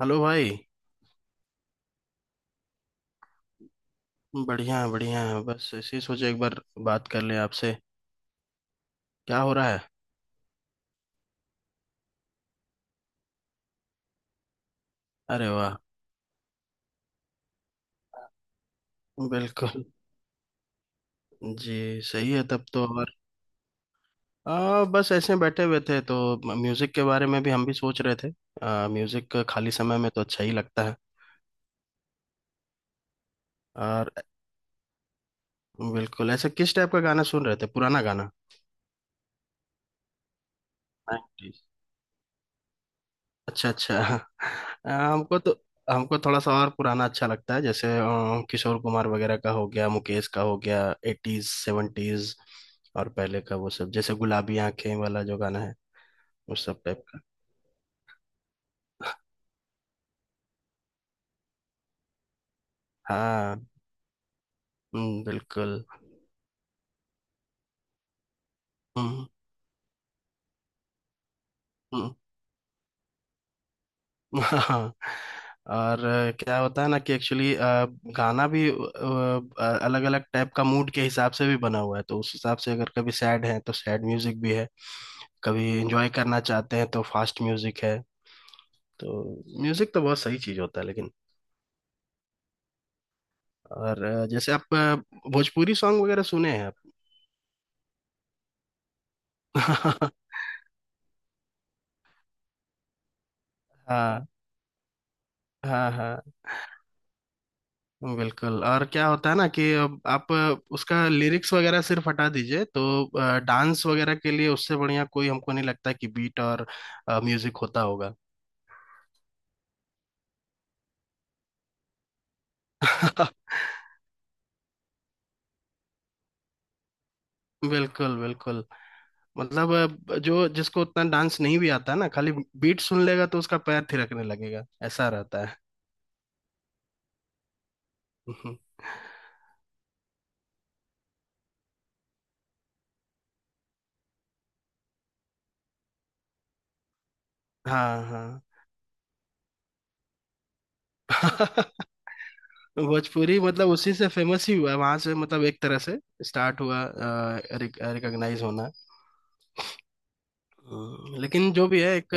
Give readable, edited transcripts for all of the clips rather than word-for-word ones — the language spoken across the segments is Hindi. हेलो भाई। बढ़िया है, बढ़िया है। बस ऐसे ही सोचे एक बार बात कर लें आपसे। क्या हो रहा है? अरे वाह। बिल्कुल। जी सही है तब तो। और बस ऐसे बैठे हुए थे तो म्यूजिक के बारे में भी हम भी सोच रहे थे। म्यूजिक का खाली समय में तो अच्छा ही लगता है। और बिल्कुल। ऐसे किस टाइप का गाना सुन रहे थे? पुराना गाना? अच्छा अच्छा। अ, हमको तो हमको थोड़ा सा और पुराना अच्छा लगता है, जैसे किशोर कुमार वगैरह का हो गया, मुकेश का हो गया, एटीज सेवेंटीज। और पहले का वो सब जैसे गुलाबी आंखें वाला जो गाना है, उस सब टाइप का। हाँ। बिल्कुल। हम्म। हम्म। हाँ। और क्या होता है ना कि एक्चुअली गाना भी अलग अलग टाइप का मूड के हिसाब से भी बना हुआ है, तो उस हिसाब से अगर कभी सैड है तो सैड म्यूजिक भी है, कभी एंजॉय करना चाहते हैं तो फास्ट म्यूजिक है। तो म्यूजिक तो बहुत सही चीज होता है लेकिन। और जैसे आप भोजपुरी सॉन्ग वगैरह सुने हैं आप? हाँ हाँ हाँ। बिल्कुल। और क्या होता है ना कि अब आप उसका लिरिक्स वगैरह सिर्फ हटा दीजिए तो डांस वगैरह के लिए उससे बढ़िया कोई हमको नहीं लगता कि बीट और म्यूजिक होता होगा। बिल्कुल बिल्कुल। मतलब जो जिसको उतना डांस नहीं भी आता ना, खाली बीट सुन लेगा तो उसका पैर थिरकने लगेगा, ऐसा रहता है। हाँ हाँ। भोजपुरी मतलब उसी से फेमस ही हुआ वहां से, मतलब एक तरह से स्टार्ट हुआ रिकॉग्नाइज होना। लेकिन जो भी है एक।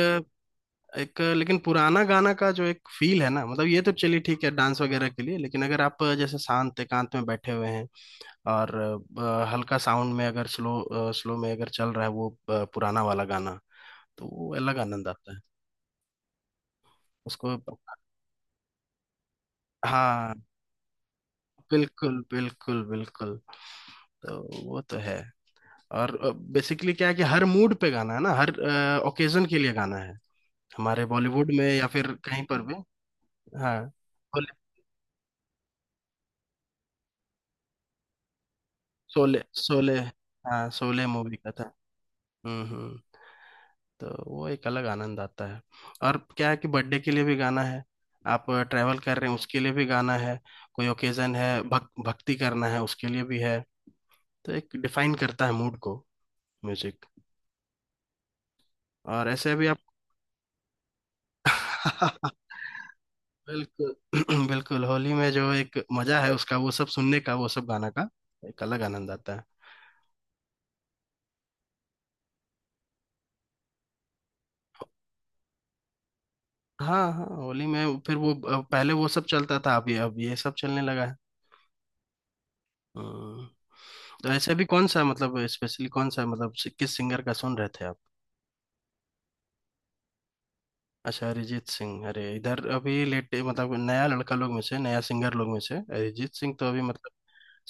लेकिन पुराना गाना का जो एक फील है ना, मतलब ये तो चलिए ठीक है डांस वगैरह के लिए, लेकिन अगर आप जैसे शांत एकांत में बैठे हुए हैं और हल्का साउंड में अगर स्लो स्लो में अगर चल रहा है वो पुराना वाला गाना, तो वो अलग आनंद आता है उसको। हाँ बिल्कुल बिल्कुल बिल्कुल। तो वो तो है। और बेसिकली क्या है कि हर मूड पे गाना है ना, हर ओकेजन के लिए गाना है, हमारे बॉलीवुड में या फिर कहीं पर भी। हाँ। शोले शोले। हाँ शोले मूवी का था। हम्म। तो वो एक अलग आनंद आता है। और क्या है कि बर्थडे के लिए भी गाना है, आप ट्रैवल कर रहे हैं उसके लिए भी गाना है, कोई ओकेजन है, भक्ति करना है उसके लिए भी है। तो एक डिफाइन करता है मूड को, म्यूजिक। और ऐसे भी आप। बिल्कुल। बिल्कुल होली में जो एक मजा है उसका, वो सब सुनने का, वो सब गाना का एक अलग आनंद आता है। हाँ हाँ। होली में फिर वो पहले वो सब चलता था, अब ये सब चलने लगा है। हम्म। तो ऐसे अभी कौन सा मतलब स्पेशली कौन सा मतलब किस सिंगर का सुन रहे थे आप? अच्छा, अरिजीत सिंह। अरे इधर अभी लेटे मतलब नया लड़का लोग में से, नया सिंगर लोग में से अरिजीत सिंह तो अभी मतलब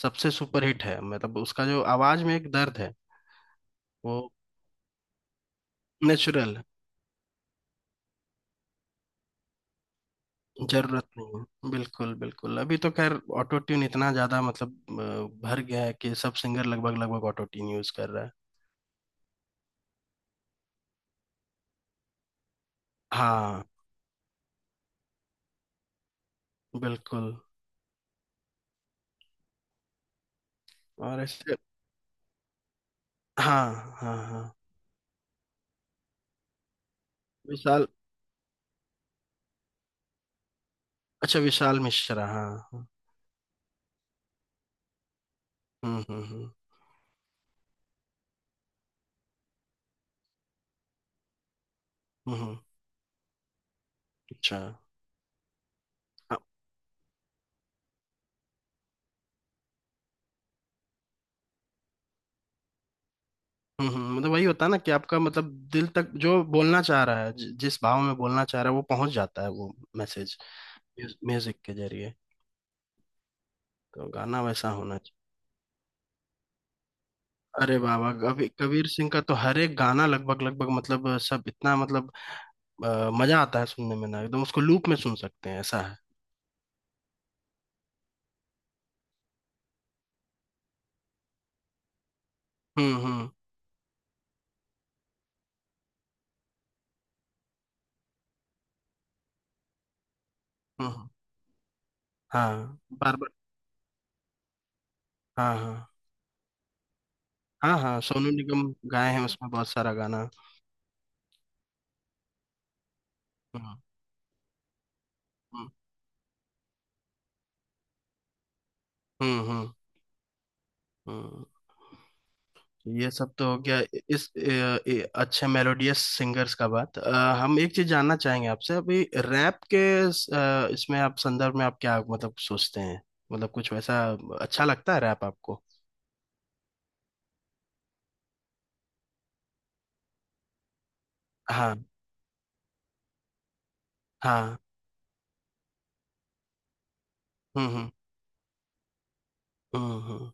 सबसे सुपरहिट है। मतलब उसका जो आवाज में एक दर्द है। वो नेचुरल। जरूरत नहीं है बिल्कुल बिल्कुल। अभी तो खैर ऑटो ट्यून इतना ज्यादा मतलब भर गया है कि सब सिंगर लगभग लगभग ऑटो ट्यून यूज कर रहा है। हाँ बिल्कुल। और ऐसे। हाँ हाँ हाँ। विशाल। अच्छा विशाल मिश्रा। हाँ हाँ। हम्म हम्म हम्म। अच्छा। हाँ। हम्म। मतलब वही होता है ना कि आपका मतलब दिल तक जो बोलना चाह रहा है, जिस भाव में बोलना चाह रहा है वो पहुंच जाता है वो मैसेज म्यूजिक के जरिए। तो गाना वैसा होना चाहिए। अरे बाबा, कबीर कबीर सिंह का तो हर एक गाना लगभग लगभग मतलब सब इतना मतलब मजा आता है सुनने में ना एकदम, उसको लूप में सुन सकते हैं ऐसा है। हम्म हम्म हम्म। हाँ बार बार। हाँ हाँ हाँ। हाँ सोनू निगम गाए हैं उसमें बहुत सारा गाना। हम्म हम्म हम्म हम्म हम्म। ये सब तो हो गया। इस अच्छे मेलोडियस सिंगर्स का बात। हम एक चीज जानना चाहेंगे आपसे अभी रैप के। इसमें आप संदर्भ में आप क्या मतलब सोचते हैं, मतलब कुछ वैसा अच्छा लगता है रैप आपको? हाँ हाँ। हम्म हम्म हम्म हम्म।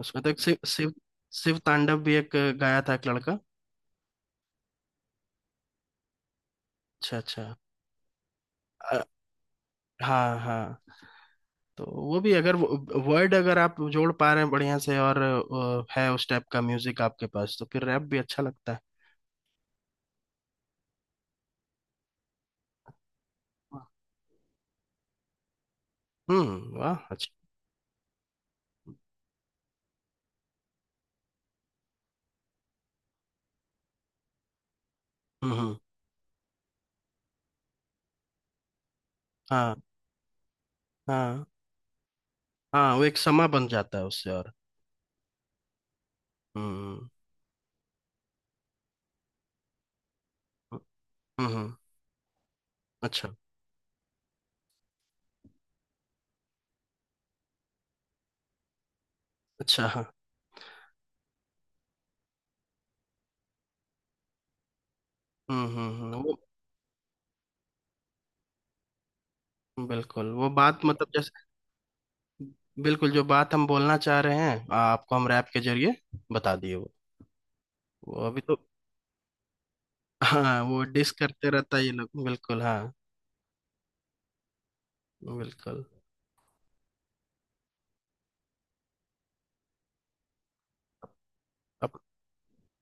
उसमें तो एक शिव शिव शिव तांडव भी एक गाया था, एक लड़का। अच्छा अच्छा। अ, हाँ हाँ। तो वो भी अगर वर्ड अगर आप जोड़ पा रहे हैं बढ़िया से और है उस टाइप का म्यूजिक आपके पास, तो फिर रैप भी अच्छा लगता है। वाह अच्छा। हम्म। हाँ हाँ हाँ वो एक समा बन जाता है उससे और। हम्म हम्म। अच्छा अच्छा। हाँ। हम्म। वो बिल्कुल वो बात मतलब जैसे, बिल्कुल जो बात हम बोलना चाह रहे हैं आपको, हम रैप के जरिए बता दिए वो अभी तो। हाँ वो डिस करते रहता है ये लोग, बिल्कुल हाँ, बिल्कुल।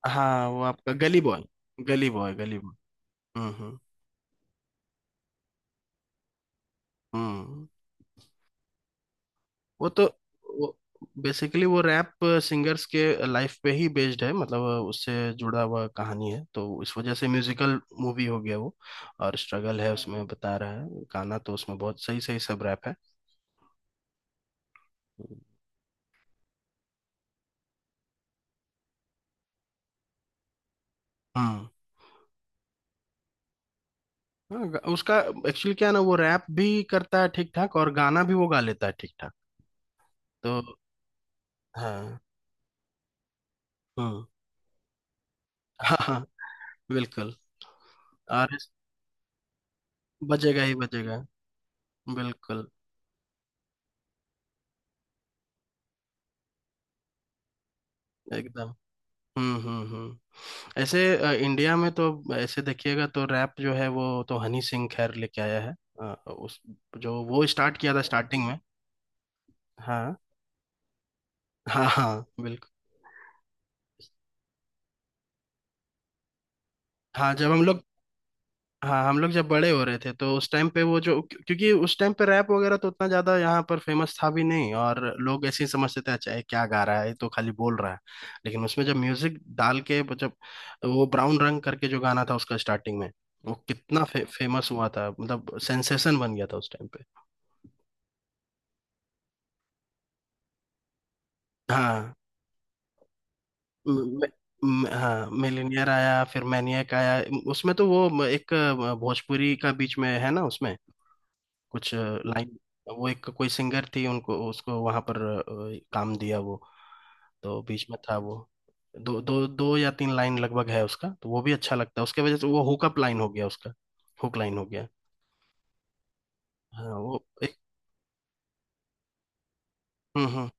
हाँ वो आपका गली बॉय। गली बॉय गली बॉय। हम्म हम्म हम्म। वो तो वो बेसिकली वो रैप सिंगर्स के लाइफ पे ही बेस्ड है, मतलब उससे जुड़ा हुआ कहानी है, तो इस वजह से म्यूजिकल मूवी हो गया वो। और स्ट्रगल है, हाँ उसमें बता रहा है गाना, तो उसमें बहुत सही सही सब रैप है। हम्म। हाँ, उसका एक्चुअली क्या है ना वो रैप भी करता है ठीक ठाक और गाना भी वो गा लेता है ठीक ठाक। तो हाँ हम्म। हाँ हाँ बिल्कुल। और बजेगा ही बजेगा बिल्कुल एकदम। हम्म। ऐसे इंडिया में तो ऐसे देखिएगा तो रैप जो है वो तो हनी सिंह खैर लेके आया है। अ, उस जो वो स्टार्ट किया था स्टार्टिंग में। हाँ हाँ हाँ। बिल्कुल। हाँ जब हम लोग हाँ हम लोग जब बड़े हो रहे थे तो उस टाइम पे वो जो क्योंकि उस टाइम पे रैप वगैरह तो उतना ज्यादा यहाँ पर फेमस था भी नहीं, और लोग ऐसे ही समझते थे अच्छा ये क्या गा रहा है, ये तो खाली बोल रहा है। लेकिन उसमें जब म्यूजिक डाल के जब वो ब्राउन रंग करके जो गाना था उसका स्टार्टिंग में, वो कितना फेमस हुआ था, मतलब सेंसेशन बन गया था उस टाइम पे। हाँ म- हाँ मिलीनियर आया फिर मैनियक आया। उसमें तो वो एक भोजपुरी का बीच में है ना उसमें, कुछ लाइन। वो एक कोई सिंगर थी, उनको उसको वहां पर काम दिया वो, तो बीच में था वो, दो दो दो या तीन लाइन लगभग है उसका। तो वो भी अच्छा लगता है उसके वजह से वो हुकअप लाइन हो गया उसका, हुक लाइन हो गया। हाँ वो एक। हम्म।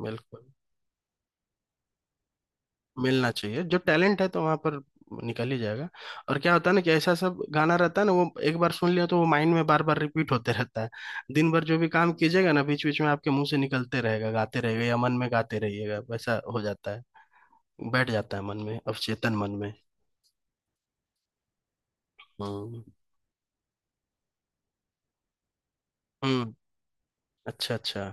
बिल्कुल मिलना चाहिए, जो टैलेंट है तो वहां पर निकल ही जाएगा। और क्या होता है ना कि ऐसा सब गाना रहता है ना, वो एक बार सुन लिया तो वो माइंड में बार बार रिपीट होते रहता है। दिन भर जो भी काम कीजिएगा ना, बीच बीच में आपके मुंह से निकलते रहेगा, गाते रहेगा या मन में गाते रहिएगा, वैसा हो जाता है। बैठ जाता है मन में, अवचेतन मन में। हम्म हम्म। अच्छा अच्छा।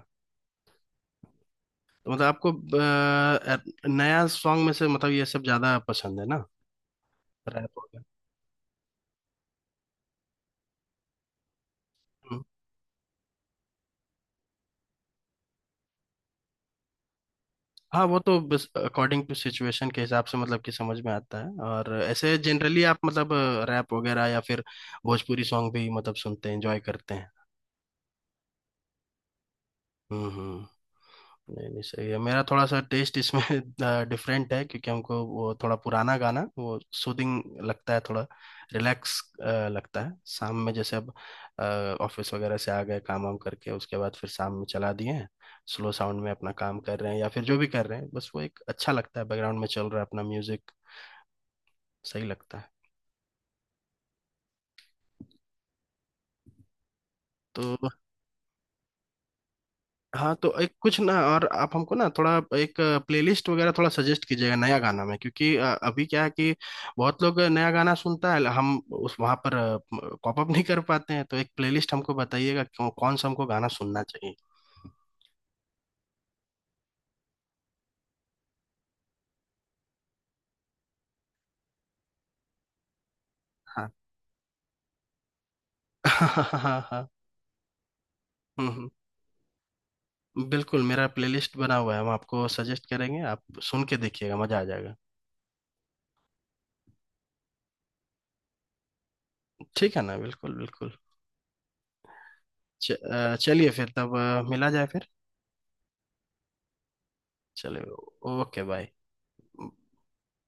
तो मतलब आपको नया सॉन्ग में से मतलब ये सब ज्यादा पसंद है ना, रैप वगैरह? हम्म। हाँ वो तो बस अकॉर्डिंग टू सिचुएशन के हिसाब से मतलब कि समझ में आता है। और ऐसे जनरली आप मतलब रैप वगैरह या फिर भोजपुरी सॉन्ग भी मतलब सुनते हैं एंजॉय करते हैं? हम्म। नहीं नहीं सही है। मेरा थोड़ा सा टेस्ट इसमें डिफरेंट है, क्योंकि हमको वो थोड़ा पुराना गाना वो सूदिंग लगता है थोड़ा, रिलैक्स लगता है। शाम में जैसे अब ऑफिस वगैरह से आ गए काम वाम करके, उसके बाद फिर शाम में चला दिए हैं स्लो साउंड में, अपना काम कर रहे हैं या फिर जो भी कर रहे हैं, बस वो एक अच्छा लगता है बैकग्राउंड में चल रहा है अपना म्यूजिक, सही लगता है। तो हाँ तो एक कुछ ना, और आप हमको ना थोड़ा एक प्लेलिस्ट वगैरह थोड़ा सजेस्ट कीजिएगा नया गाना में, क्योंकि अभी क्या है कि बहुत लोग नया गाना सुनता है हम उस वहाँ पर कॉप अप नहीं कर पाते हैं। तो एक प्लेलिस्ट हमको बताइएगा कौन कौन सा हमको गाना सुनना चाहिए। हाँ। हाँ हाँ हाँ। हम्म बिल्कुल मेरा प्लेलिस्ट बना हुआ है, हम आपको सजेस्ट करेंगे, आप सुन के देखिएगा मजा आ जाएगा। ठीक है ना बिल्कुल बिल्कुल। चलिए फिर तब मिला जाए फिर, चलिए। Okay bye.